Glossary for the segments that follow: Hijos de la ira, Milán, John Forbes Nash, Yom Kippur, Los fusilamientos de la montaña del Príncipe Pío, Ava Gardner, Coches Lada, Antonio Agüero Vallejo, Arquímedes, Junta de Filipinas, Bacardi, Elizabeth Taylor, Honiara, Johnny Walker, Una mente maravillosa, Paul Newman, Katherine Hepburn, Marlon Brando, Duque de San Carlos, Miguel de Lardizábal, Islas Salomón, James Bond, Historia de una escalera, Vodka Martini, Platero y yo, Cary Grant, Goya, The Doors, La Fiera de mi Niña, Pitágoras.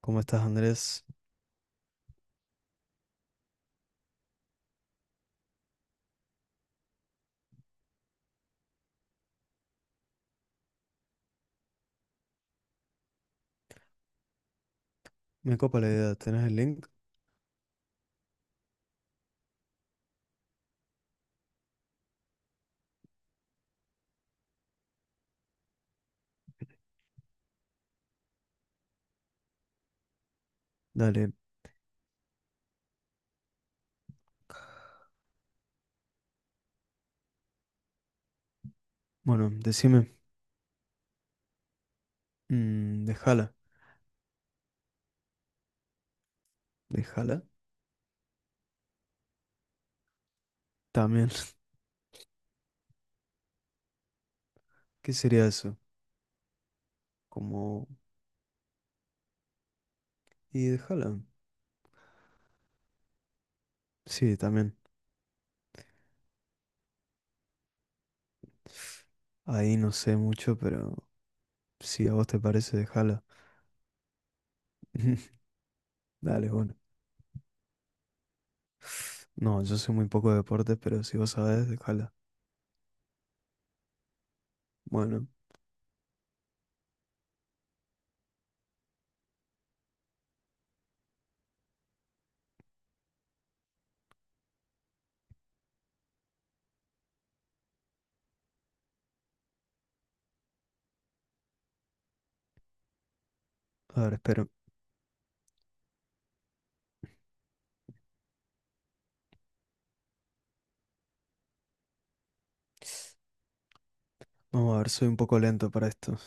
¿Cómo estás, Andrés? Me copa la idea. ¿Tenés el link? Dale. Bueno, decime. Déjala. ¿Déjala? También. ¿Qué sería eso? Como... Y déjala. Sí, también. Ahí no sé mucho, pero si a vos te parece, déjala. Dale, bueno. No, yo sé muy poco de deportes, pero si vos sabés, déjala. Bueno, a ver, espero. Vamos a ver, soy un poco lento para esto.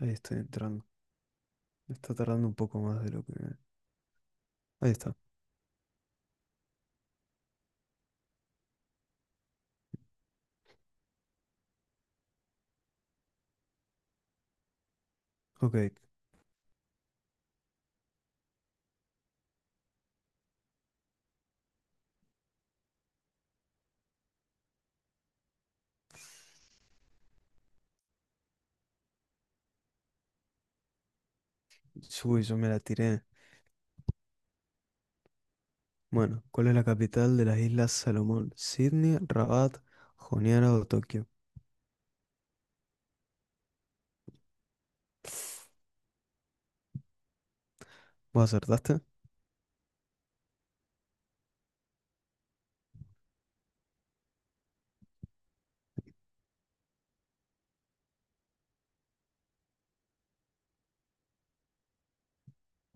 Ahí estoy entrando. Me está tardando un poco más de lo que... Ahí está. Ok. Uy, yo me la tiré. Bueno, ¿cuál es la capital de las Islas Salomón? ¿Sydney, Rabat, Honiara o Tokio? ¿Vos acertaste?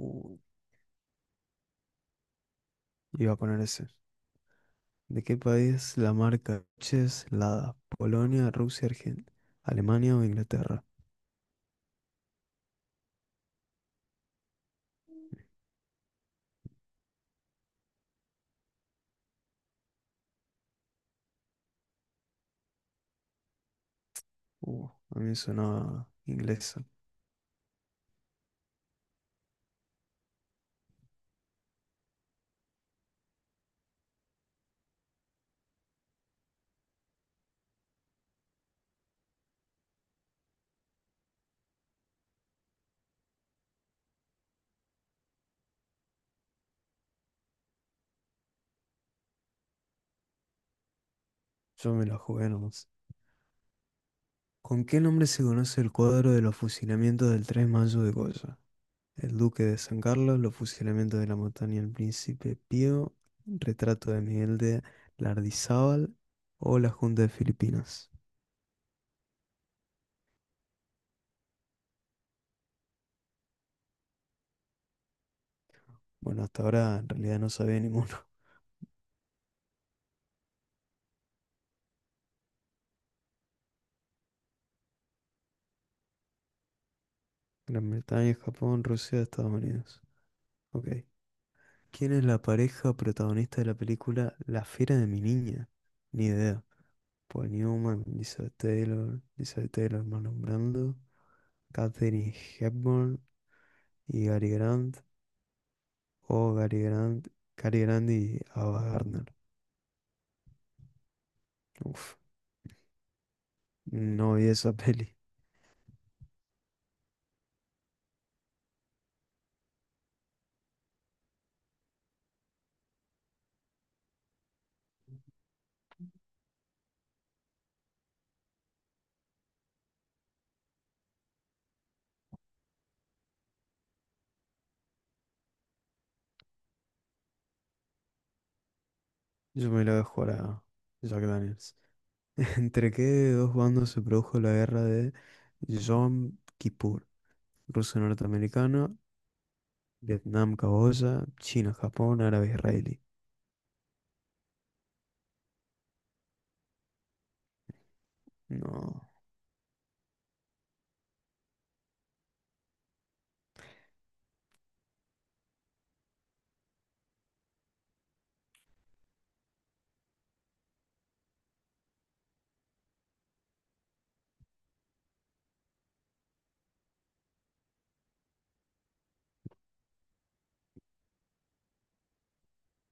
Uh, Iba a poner ese. ¿De qué país la marca Coches Lada? ¿Polonia, Rusia, Alemania o Inglaterra? A mí sonaba inglesa. Yo me la jugué nomás. ¿Con qué nombre se conoce el cuadro de los fusilamientos del 3 de mayo de Goya? El Duque de San Carlos, Los fusilamientos de la montaña del Príncipe Pío, Retrato de Miguel de Lardizábal o la Junta de Filipinas. Bueno, hasta ahora en realidad no sabía ninguno. Gran Bretaña, Japón, Rusia, Estados Unidos. Ok. ¿Quién es la pareja protagonista de la película La Fiera de mi Niña? Ni idea. Paul Newman, Elizabeth Taylor, Elizabeth Taylor, Marlon Brando, Katherine Hepburn y Gary Grant, o Gary Grant, Cary Grant y Ava Gardner. Uf, no vi esa peli. Yo me la dejo a Jack Daniels. ¿Entre qué dos bandos se produjo la guerra de Yom Kippur? Rusia norteamericana, Vietnam caboya, China, Japón, árabe israelí. No,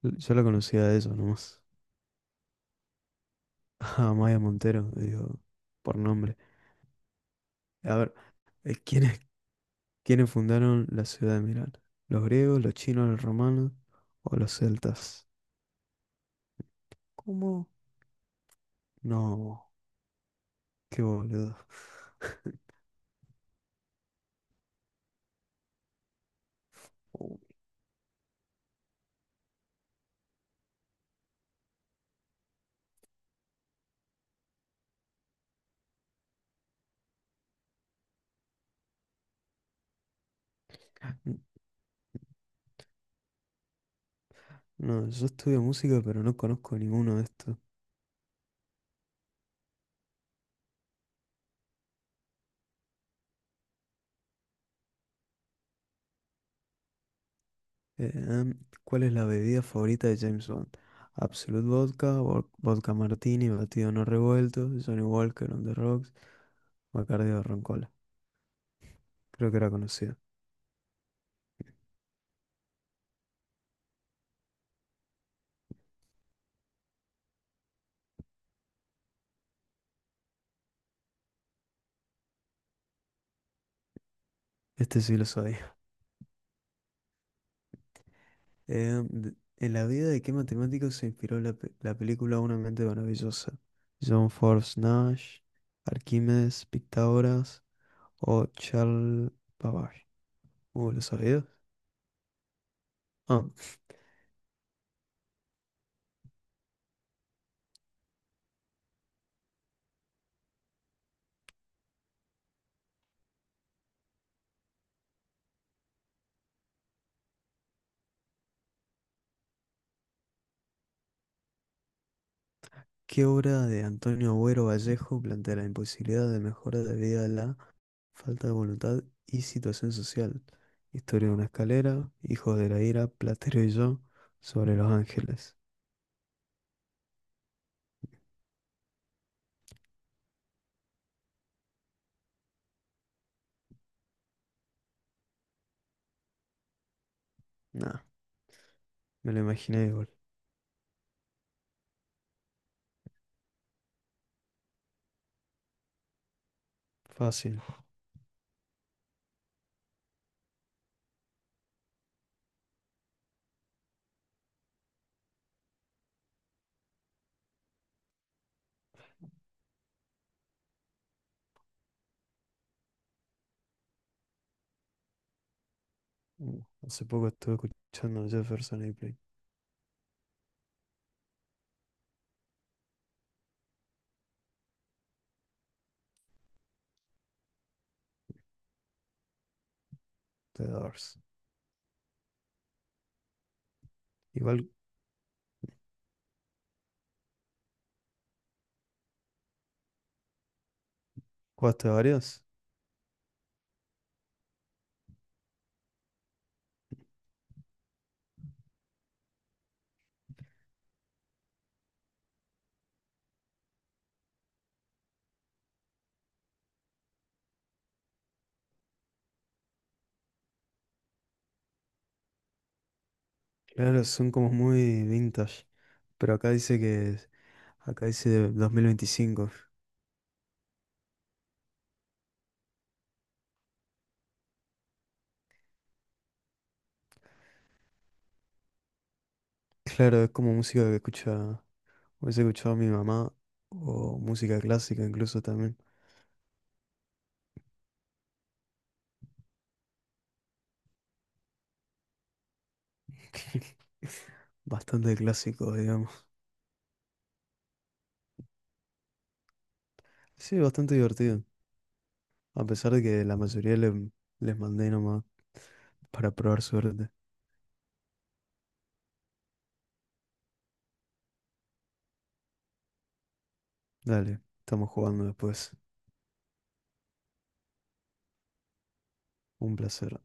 yo la conocía de eso nomás. A Maya Montero, digo, por nombre. A ver, eh, ¿quiénes, quiénes fundaron la ciudad de Milán? ¿Los griegos, los chinos, los romanos o los celtas? ¿Cómo? No, qué boludo. No, yo estudio música, pero no conozco ninguno de estos. Eh, em, ¿Cuál es la bebida favorita de James Bond? Absolute Vodka, Vodka Martini, batido no revuelto, Johnny Walker on the rocks, Bacardi o Roncola. Creo que era conocido. Este sí lo sabía. ¿En la vida de qué matemático se inspiró la, la película Una mente maravillosa? John Forbes Nash, Arquímedes, Pitágoras o Charles Babbage. ¿Lo sabías? Ah. ¿Qué obra de Antonio Agüero Vallejo plantea la imposibilidad de mejora debido a la falta de voluntad y situación social? Historia de una escalera, Hijos de la ira, Platero y yo, sobre los ángeles. Nah, me lo imaginé igual. Fácil. Hace poco estuve escuchando Jefferson Airplane, The Doors. Igual, ¿jugaste varios? Claro, son como muy vintage. Pero acá dice 2025. Claro, es como música que escucha hubiese escuchado a mi mamá o música clásica incluso también. Bastante clásico digamos. Sí, bastante divertido. A pesar de que la mayoría les mandé nomás para probar suerte. Dale, estamos jugando después. Un placer.